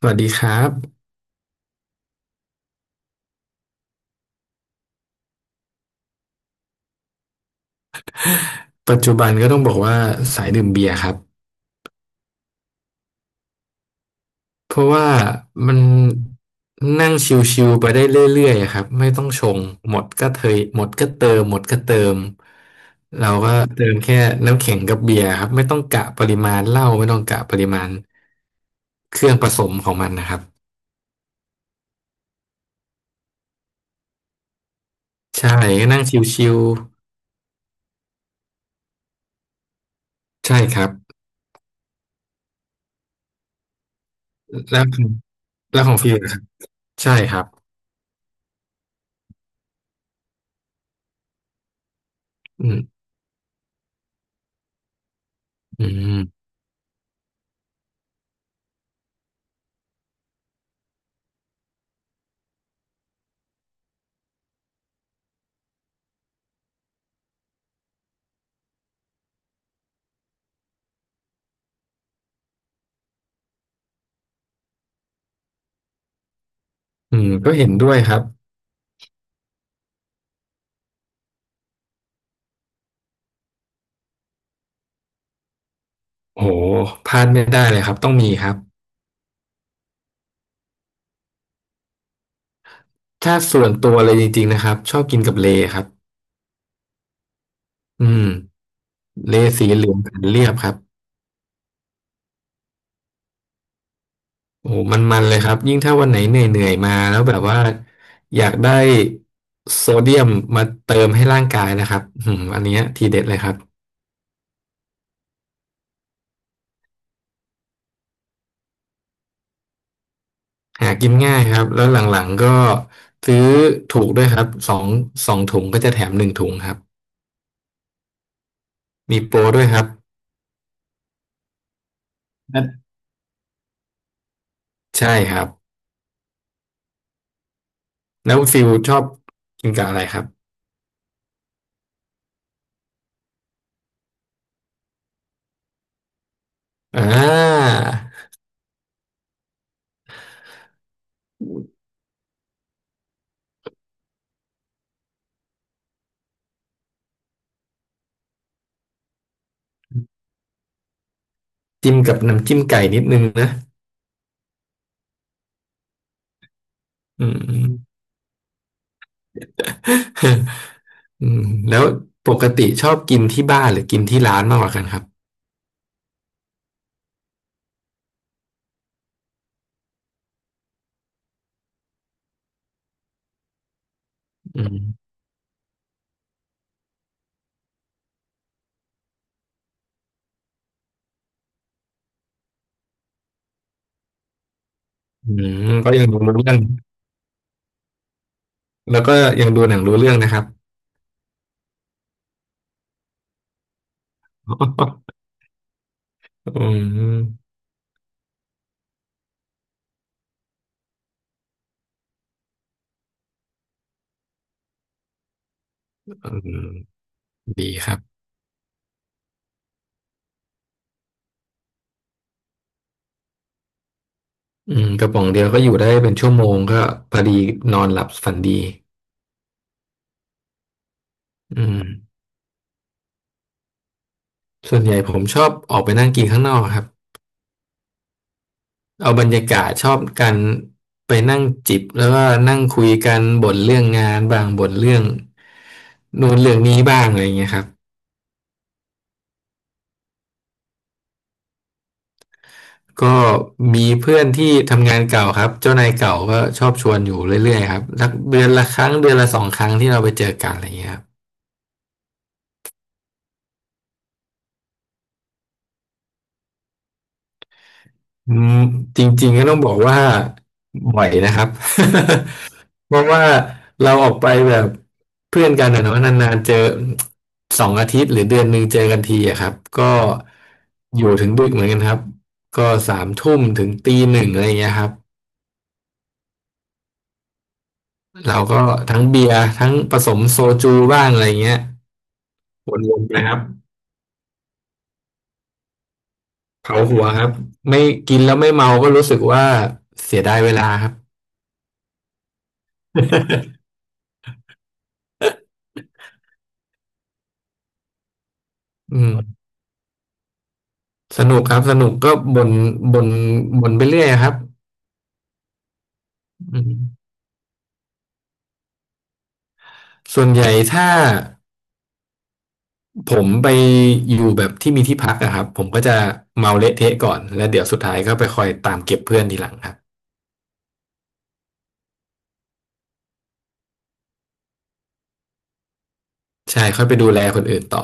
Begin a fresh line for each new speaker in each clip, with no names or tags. สวัสดีครับปัจจุบันก็ต้องบอกว่าสายดื่มเบียร์ครับเพราะว่ามันนั่งชิวๆไปได้เรื่อยๆอะครับไม่ต้องชงหมดก็เทยหมดก็เติมหมดก็เติมเราก็เติมแค่น้ำแข็งกับเบียร์ครับไม่ต้องกะปริมาณเหล้าไม่ต้องกะปริมาณเครื่องผสมของมันนะครับใช่ก็นั่งชิวๆใช่ครับแล้วแล้วของฟิลล่ะครับใช่ครับอืมอืมอืมก็เห็นด้วยครับ โอ้โหพลาดไม่ได้เลยครับต้องมีครับถ้าส่วนตัวเลยจริงๆนะครับชอบกินกับเลครับอืมเลสีเหลืองขันเรียบครับโอ้โหมันๆเลยครับยิ่งถ้าวันไหนเหนื่อยๆมาแล้วแบบว่าอยากได้โซเดียมมาเติมให้ร่างกายนะครับอืมอันเนี้ยทีเด็ดเลยครับหากินง่ายครับแล้วหลังๆก็ซื้อถูกด้วยครับสองถุงก็จะแถมหนึ่งถุงครับมีโปรด้วยครับนั่นใช่ครับแล้วฟิลชอบกินกับอะไรครับอ่า จิ้มกับน้ำจิ้มไก่นิดนึงนะอืม อืมแล้วปกติชอบกินที่บ้านหรือกินที่ร้านมากกว่ากันครับอืมอืมก็ยังดูรู้เรื่องแล้วก็ยังดูหนังรู้เรื่องนะครับ อืมอืมดีครับอืมกระป๋องเดียวก็อยู่ได้เป็นชั่วโมงก็พอดีนอนหลับฝันดีอืมส่วนใหญ่ผมชอบออกไปนั่งกินข้างนอกครับ เอาบรรยากาศชอบกันไปนั่งจิบแล้วก็นั่งคุยกันบ่นเรื่องงานบ้างบ่นเรื่องนู่นเรื่องนี้บ้างอะไรเงี้ยครับก็มีเพื่อนที่ทำงานเก่าครับเจ้านายเก่าก็ชอบชวนอยู่เรื่อยๆครับสักเดือนละครั้งเดือนละสองครั้งที่เราไปเจอกันอะไรเงี้ยครับ อืมจริงๆก็ต้องบอกว่าบ่อยนะครับ เพราะว่าเราออกไปแบบเพื่อนกันอะเนาะนานๆเจอสองอาทิตย์หรือเดือนหนึ่งเจอกันทีอะครับก็อยู่ถึงดึกเหมือนกันครับก็สามทุ่มถึงตีหนึ่งอะไรอย่างเงี้ยครับเราก็ทั้งเบียร์ทั้งผสมโซจูบ้างอะไรอย่างเงี้ยวนๆนะครับเผาหัวครับไม่กินแล้วไม่เมาก็รู้สึกว่าเสียดายเวลาครับ อืม สนุกครับสนุกก็บ่นบ่นไปเรื่อยครับอืมส่วนใหญ่ถ้าผมไปอยู่แบบที่มีที่พักอะครับผมก็จะเมาเละเทะก่อนแล้วเดี๋ยวสุดท้ายก็ไปคอยตามเก็บเพื่อนทีหลังครับใช่ค่อยไปดูแลคนอื่นต่อ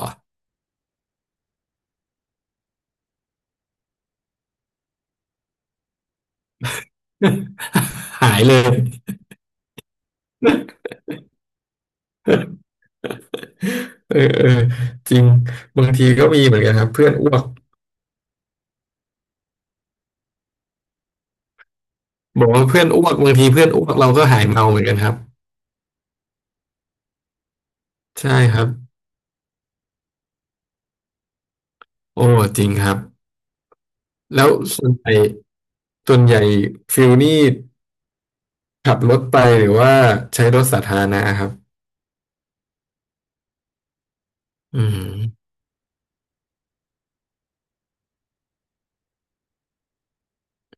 หายเลยเออเออจริงบางทีก็มีเหมือนกันครับเพื่อนอ้วกบอกว่าเพื่อนอ้วกบางทีเพื่อนอ้วกเราก็หายเมาเหมือนกันครับใช่ครับโอ้จริงครับแล้วส่วนใหญ่ส่วนใหญ่ฟิลนี่ ขับรถไปหรือว่าใช้รถสาธารณะครับอืม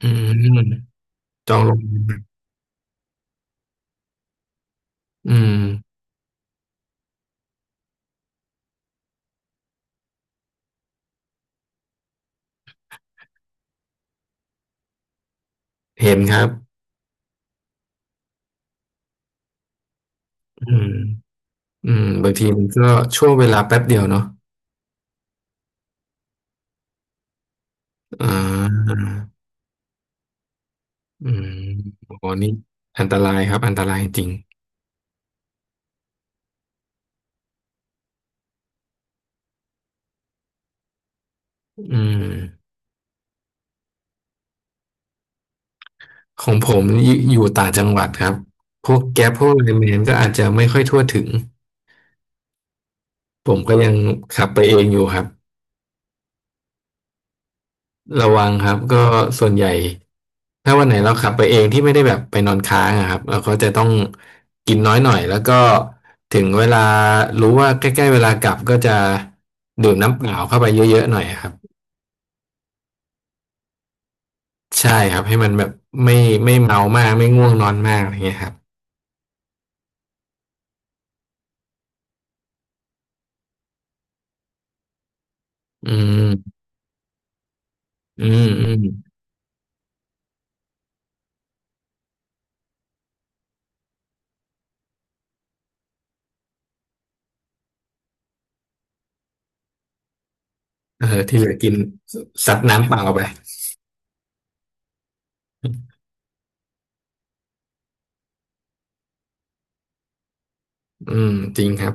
อืมจองโรงแรมอืมเห็นครับอืมอืมบางทีมันก็ช่วงเวลาแป๊บเดียวเนาะอ่าอืมโอ้โหนี่อันตรายครับอันตรายจริงอืมของผมอยู่ต่างจังหวัดครับพวกแก๊ปพวกไลน์แมนก็อาจจะไม่ค่อยทั่วถึง ผมก็ยังขับไปเองอยู่ครับ ระวังครับก็ส่วนใหญ่ถ้าวันไหนเราขับไปเองที่ไม่ได้แบบไปนอนค้างอะครับเราก็จะต้องกินน้อยหน่อยแล้วก็ถึงเวลารู้ว่าใกล้ๆเวลากลับก็จะดื่มน้ำเปล่าเข้าไปเยอะๆหน่อยครับใช่ครับให้มันแบบไม่ไม่เมามากไม่ง่วงนอนมากอะไรเงี้ยครับอืมอืมอืมเออที่เหลือกินซัดน้ำเปล่าไปอืมจริงครับ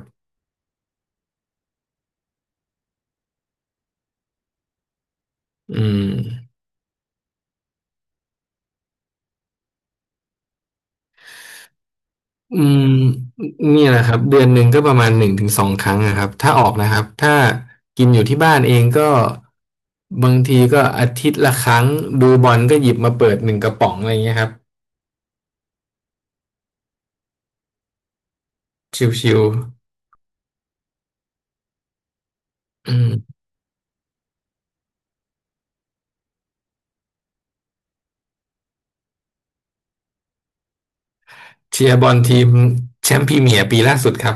อืม อืมเนี่ยแหละครับเดือนหนึ่งก็ประมาณหนึ่งถึงสองครั้งนะครับถ้าออกนะครับถ้ากินอยู่ที่บ้านเองก็บางทีก็อาทิตย์ละครั้งดูบอลก็หยิบมาเปิดหนึ่งกระป๋องอะไรเงี้ยครับชิวๆอืมเชียร์บอลทีมแชมป์พรีเมียร์ปีล่าสุดครับ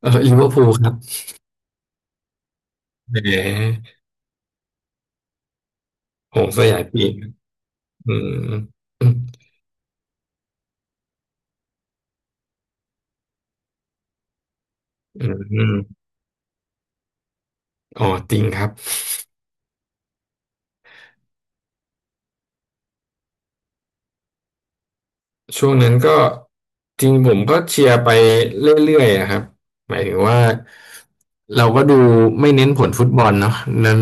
เออลิเวอร์พูลครับแหมโหสยายปีกอืมอืมอืมอ๋อจริงครับ ช่วงนั้นก็จริงผมก็เชียร์ไปเรื่อยๆอะครับหมายถึงว่าเราก็ดูไม่เน้นผลฟุตบอลเนาะนั้น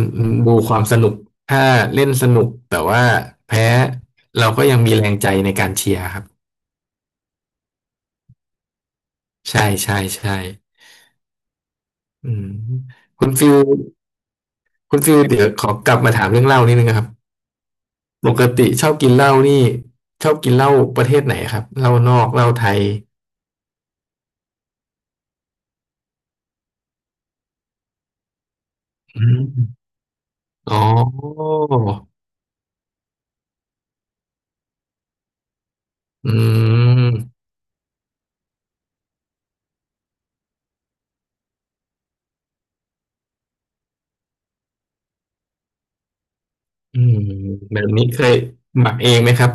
ดูความสนุกถ้าเล่นสนุกแต่ว่าแพ้เราก็ยังมีแรงใจในการเชียร์ครับใช่ใช่ใช่อืมคุณฟิลคุณฟิลเดี๋ยวขอกลับมาถามเรื่องเหล้านิดนึงนะครับปกติชอบกินเหล้านี่ชอบกินเหล้าประเทศไหนครับเหล้านอกเหล้าไทยอืมอ๋ออืม อืมแบบนี้เคยหมักเองไหมครับ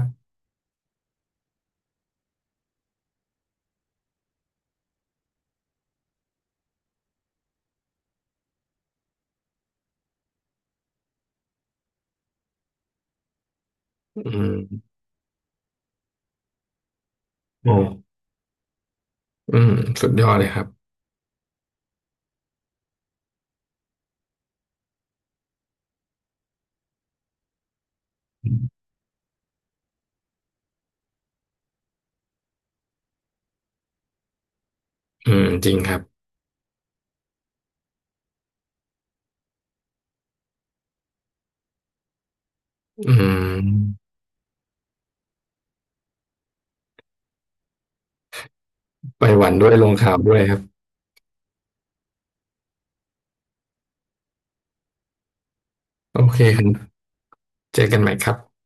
อืมโอ้อืม สุดยอดเลยครับ อืม จริงครับ อืม ไปหวันด้วยลงข่าวด้วยครับ โอเคครับเจอกันใหม่ครับ